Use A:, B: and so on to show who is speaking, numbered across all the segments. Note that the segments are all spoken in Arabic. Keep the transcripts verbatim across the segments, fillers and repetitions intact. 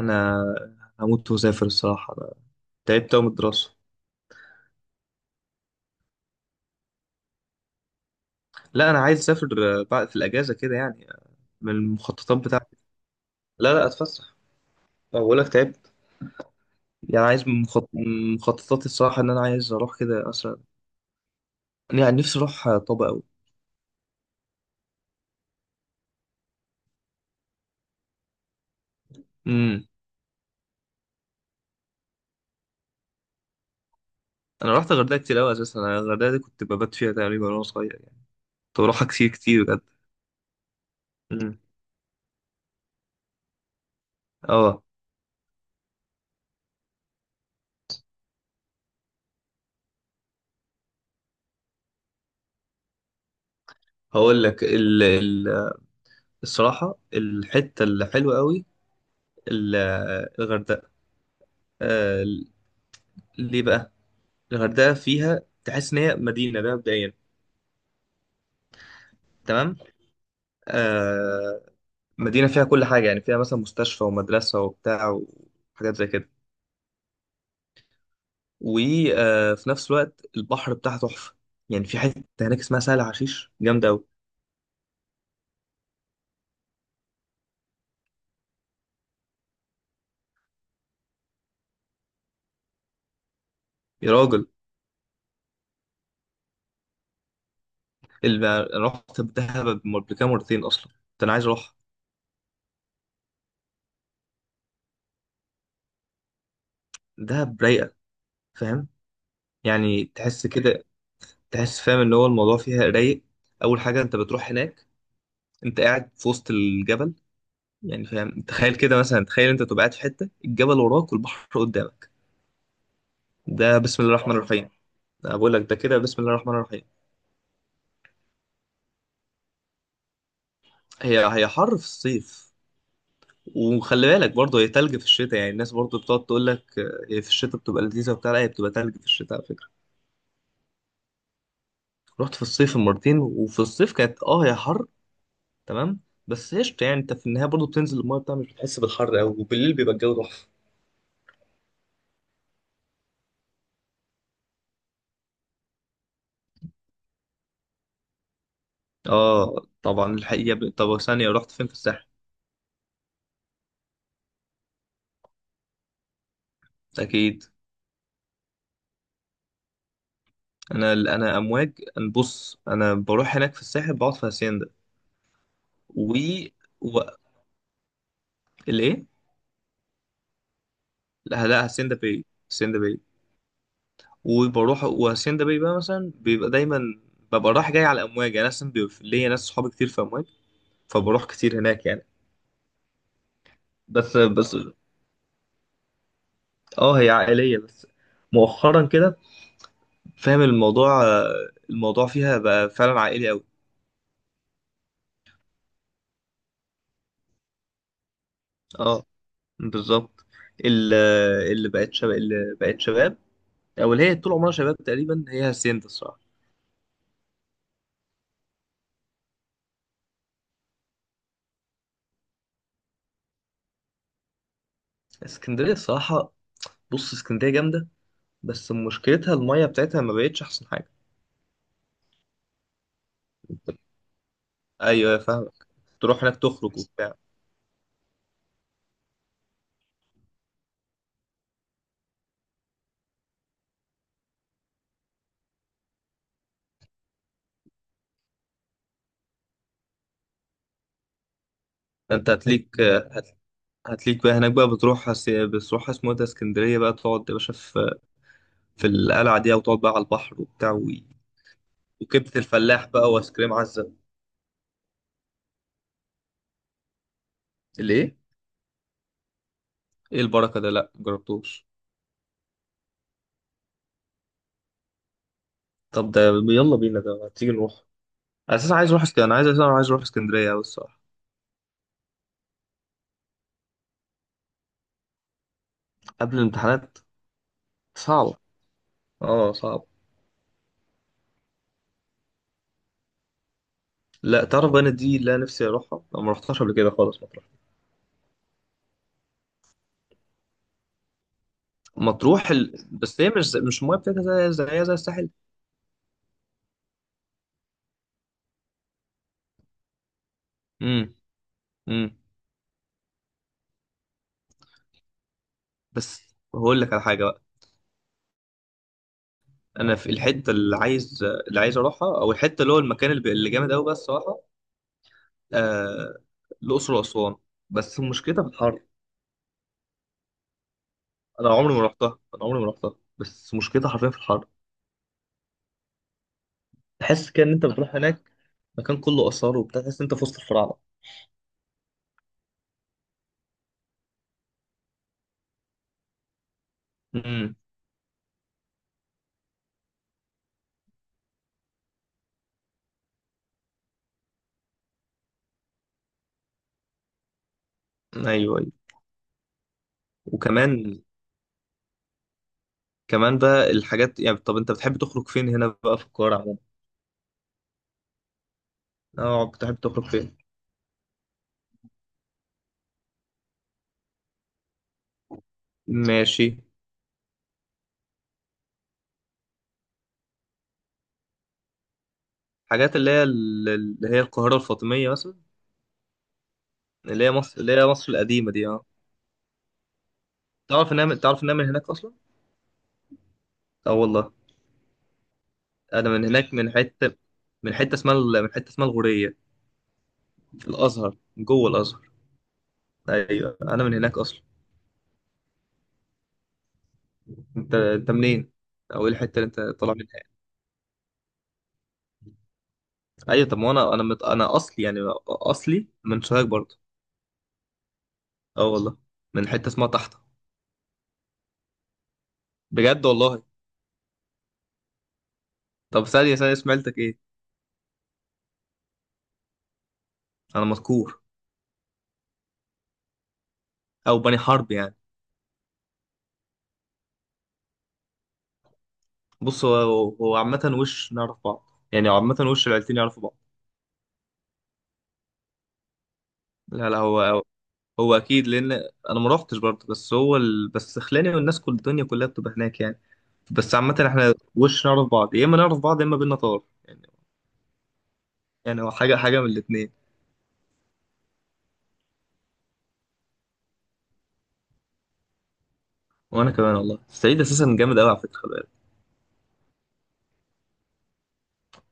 A: انا هموت واسافر الصراحه. أنا تعبت أوي من الدراسه. لا، انا عايز اسافر، آه، بعد في الاجازه كده يعني، من المخططات بتاعتي. لا لا، اتفسح. أه، بقول لك تعبت. يعني عايز من مخط... من مخططاتي الصراحه، ان انا عايز اروح كده اصلا. يعني نفسي اروح آه، طابا قوي. امم انا رحت الغردقه كتير قوي، اساسا انا الغردقه دي كنت ببات فيها تقريبا وانا صغير يعني. كنت بروحها كتير كتير بجد. امم اه هقول لك ال... ال... الصراحه، الحته الحلوه قوي. ال- الغردقه. آه، ليه بقى؟ الغردقة فيها تحس إن هي مدينة، ده مبدئيا. تمام. آه. مدينة فيها كل حاجة، يعني فيها مثلا مستشفى ومدرسة وبتاع، وحاجات زي كده. وفي نفس الوقت البحر بتاعها تحفة. يعني في حتة هناك اسمها سهل حشيش، جامدة أوي. يا راجل، اللي أنا رحت دهب قبل كده مرتين، أصلا كنت أنا عايز أروح. دهب رايقة، فاهم؟ يعني تحس كده، تحس فاهم اللي هو الموضوع فيها رايق. أول حاجة أنت بتروح هناك، أنت قاعد في وسط الجبل. يعني فاهم، تخيل كده مثلا، تخيل انت تبقى قاعد في حته، الجبل وراك والبحر قدامك. ده بسم الله الرحمن الرحيم. انا بقول لك ده كده بسم الله الرحمن الرحيم. هي هي حر في الصيف. وخلي بالك برضه هي تلج في الشتاء. يعني الناس برضه بتقعد تقول لك آه، هي في الشتاء بتبقى لذيذه وبتاع، لا هي بتبقى تلج في الشتاء على فكره. رحت في الصيف مرتين، وفي الصيف كانت اه هي حر. تمام. بس قشطه، يعني انت في النهايه برضه بتنزل المايه بتاع، مش بتحس بالحر قوي، وبالليل بيبقى الجو تحفه. اه طبعا، الحقيقه ب- طب ثانيه، رحت فين في الساحل؟ اكيد. انا انا امواج. أنا بص، انا بروح هناك في الساحل بقعد في هاسيندا، و, و... الايه؟ لا لا، هاسيندا باي. هاسيندا باي. وبروح، وهاسيندا باي بقى مثلا بيبقى دايما، ببقى رايح جاي على امواج. انا اصلا بيبقى في- ليا ناس صحابي كتير في امواج، فبروح كتير هناك يعني. بس بس، اه هي عائليه، بس مؤخرا كده، فاهم الموضوع؟ آه، الموضوع فيها بقى فعلا عائلي قوي. اه، بالظبط. ال- اللي بقت شباب اللي بقت شباب، او اللي هي طول عمرها شباب تقريبا، هي هاسيندا الصراحه. اسكندريه الصراحه، بص اسكندريه جامده، بس مشكلتها الميه بتاعتها ما بقتش احسن حاجه. ايوه، فاهم، تروح هناك تخرج وبتاع. انت هتليك، هت- هتليك بقى هناك بقى، بتروح هس- بتروح اسمه إيه ده اسكندريه بقى، تقعد يا باشا في في القلعه دي، او تقعد بقى على البحر وبتاع، و- وكبده الفلاح بقى وايس كريم عزه. الايه؟ ايه البركه ده؟ لا جربتوش. طب ده، يلا بينا ده، ما تيجي نروح. اساسا عايز اروح اسكندريه، انا عايز، اساسا عايز اروح اسكندريه أوي الصراحه. قبل الامتحانات؟ صعب. اه، صعب. لا، تعرف بقى، أنا دي اللي انا نفسي اروحها، انا ما رحتهاش قبل كده خالص، مطروح. مطروح ال... بس هي مش زي... مش المايه بتاعتها زي زي زي الساحل. امم. امم. بس هقول لك على حاجه بقى. انا في الحته اللي عايز اللي عايز اروحها، او الحته اللي هو المكان اللي, اللي جامد قوي بقى الصراحه. آه... الاقصر واسوان، بس مشكلتها في الحر. انا عمري ما رحتها انا عمري ما رحتها، بس مشكلتها حرفيا في الحر. تحس كده ان انت بتروح هناك، مكان كله اثار وبتاع، تحس ان انت في وسط الفراعنه. امم. ايوه ايوه. وكمان، كمان بقى الحاجات، يعني طب انت بتحب تخرج فين هنا بقى في القاهرة عموما؟ اه، بتحب تخرج فين؟ ماشي. حاجات اللي هي ال- اللي هي القاهرة الفاطمية مثلا، اللي هي مصر اللي هي مصر القديمة دي، اه. تعرف انها من- تعرف انها من هناك اصلا؟ اه والله. انا من هناك، من حتة من حتة اسمها ال- من حتة اسمها الغورية، في الازهر، جوه الازهر. ايوه، انا من هناك اصلا. انت انت منين؟ او ايه الحتة اللي انت طالع منها؟ ايوه، طب ما انا، انا مت... انا اصلي يعني، اصلي من سوهاج برضه. اه والله، من حتة اسمها تحت. بجد والله. طب ثانية ثانية، سمعتك ايه؟ انا مذكور، او بني حرب يعني. بص، هو هو عامة وش نعرف بعض، يعني عامة وش العيلتين يعرفوا بعض. لا لا، هو هو هو اكيد لان، انا ما روحتش برضه، بس هو ال... بس خلاني، والناس كل الدنيا كلها بتبقى هناك يعني، بس عامة احنا وش نعرف بعض، يا اما نعرف بعض يا اما بينا طار يعني. يعني هو حاجة حاجة من الاتنين. وانا كمان والله، الصعيد اساسا جامد قوي على فكرة، خلي بالك.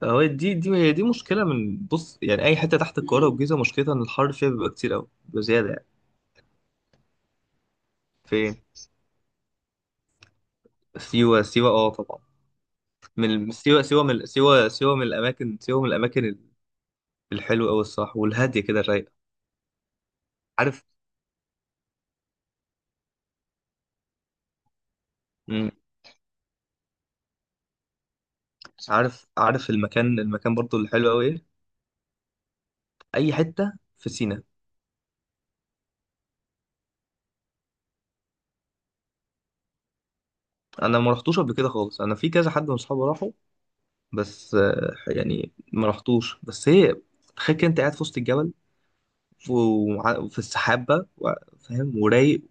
A: هو دي دي هي دي مشكلة، من بص يعني اي حتة تحت القاهرة والجيزة، مشكلتها ان الحر فيها بيبقى كتير قوي بزيادة يعني. فين؟ سيوة؟ سيوة، اه طبعا. من الم- سيوة سيوة من سيوة سيوة من الأماكن سيوة من الأماكن الحلوة أوي الصراحة، والهادية كده الرايقة. عارف. مم. عارف عارف المكان المكان برضو اللي حلو أوي إيه؟ أي حتة في سينا. أنا ما رحتوش قبل كده خالص، أنا في كذا حد من صحابي راحوا. بس آه، يعني ما رحتوش، بس هي، تخيل كده أنت قاعد في وسط الجبل، وع- وفي السحاب بقى، وع- فاهم، ورايق،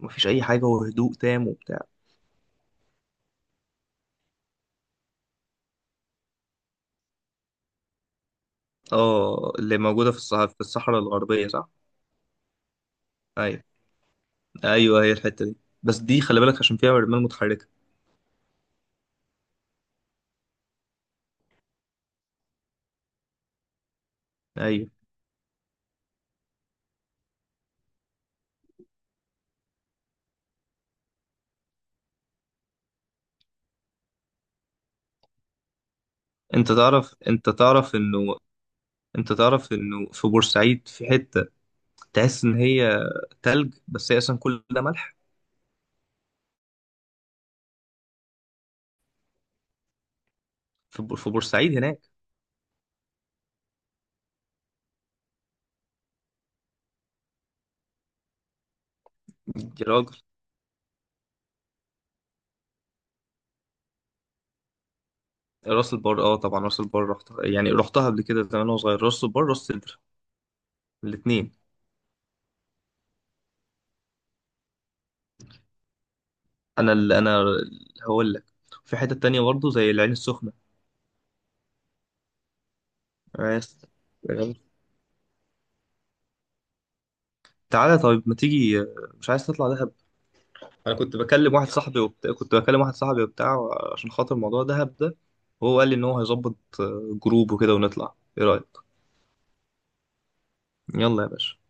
A: ومفيش أي حاجة، وهدوء تام وبتاع. اه، اللي موجودة في الصحراء في الصحراء الغربية، صح؟ أيوة، ايوه هي الحته دي. بس دي خلي بالك عشان فيها رمال متحركه. ايوه. انت تعرف انت تعرف انه انت تعرف انه في بورسعيد في حته، تحس ان هي تلج، بس هي اصلا كل ده ملح. في بور- في بورسعيد هناك. يا راجل، راس البر، اه طبعا راس البر رحت يعني، رحتها قبل كده زمان وانا صغير. راس البر، راس سدر، الاثنين. انا اللي انا هقول لك، في حته تانية برضه زي العين السخنه. عايز- تعالى طيب، ما تيجي، مش عايز تطلع ده؟ انا كنت بكلم واحد صاحبي وبتاع كنت بكلم واحد صاحبي وبتاع، عشان خاطر موضوع دهب ده، وهو قال لي ان هو هيظبط آه، جروب وكده، ونطلع، ايه رايك؟ يلا يا باشا.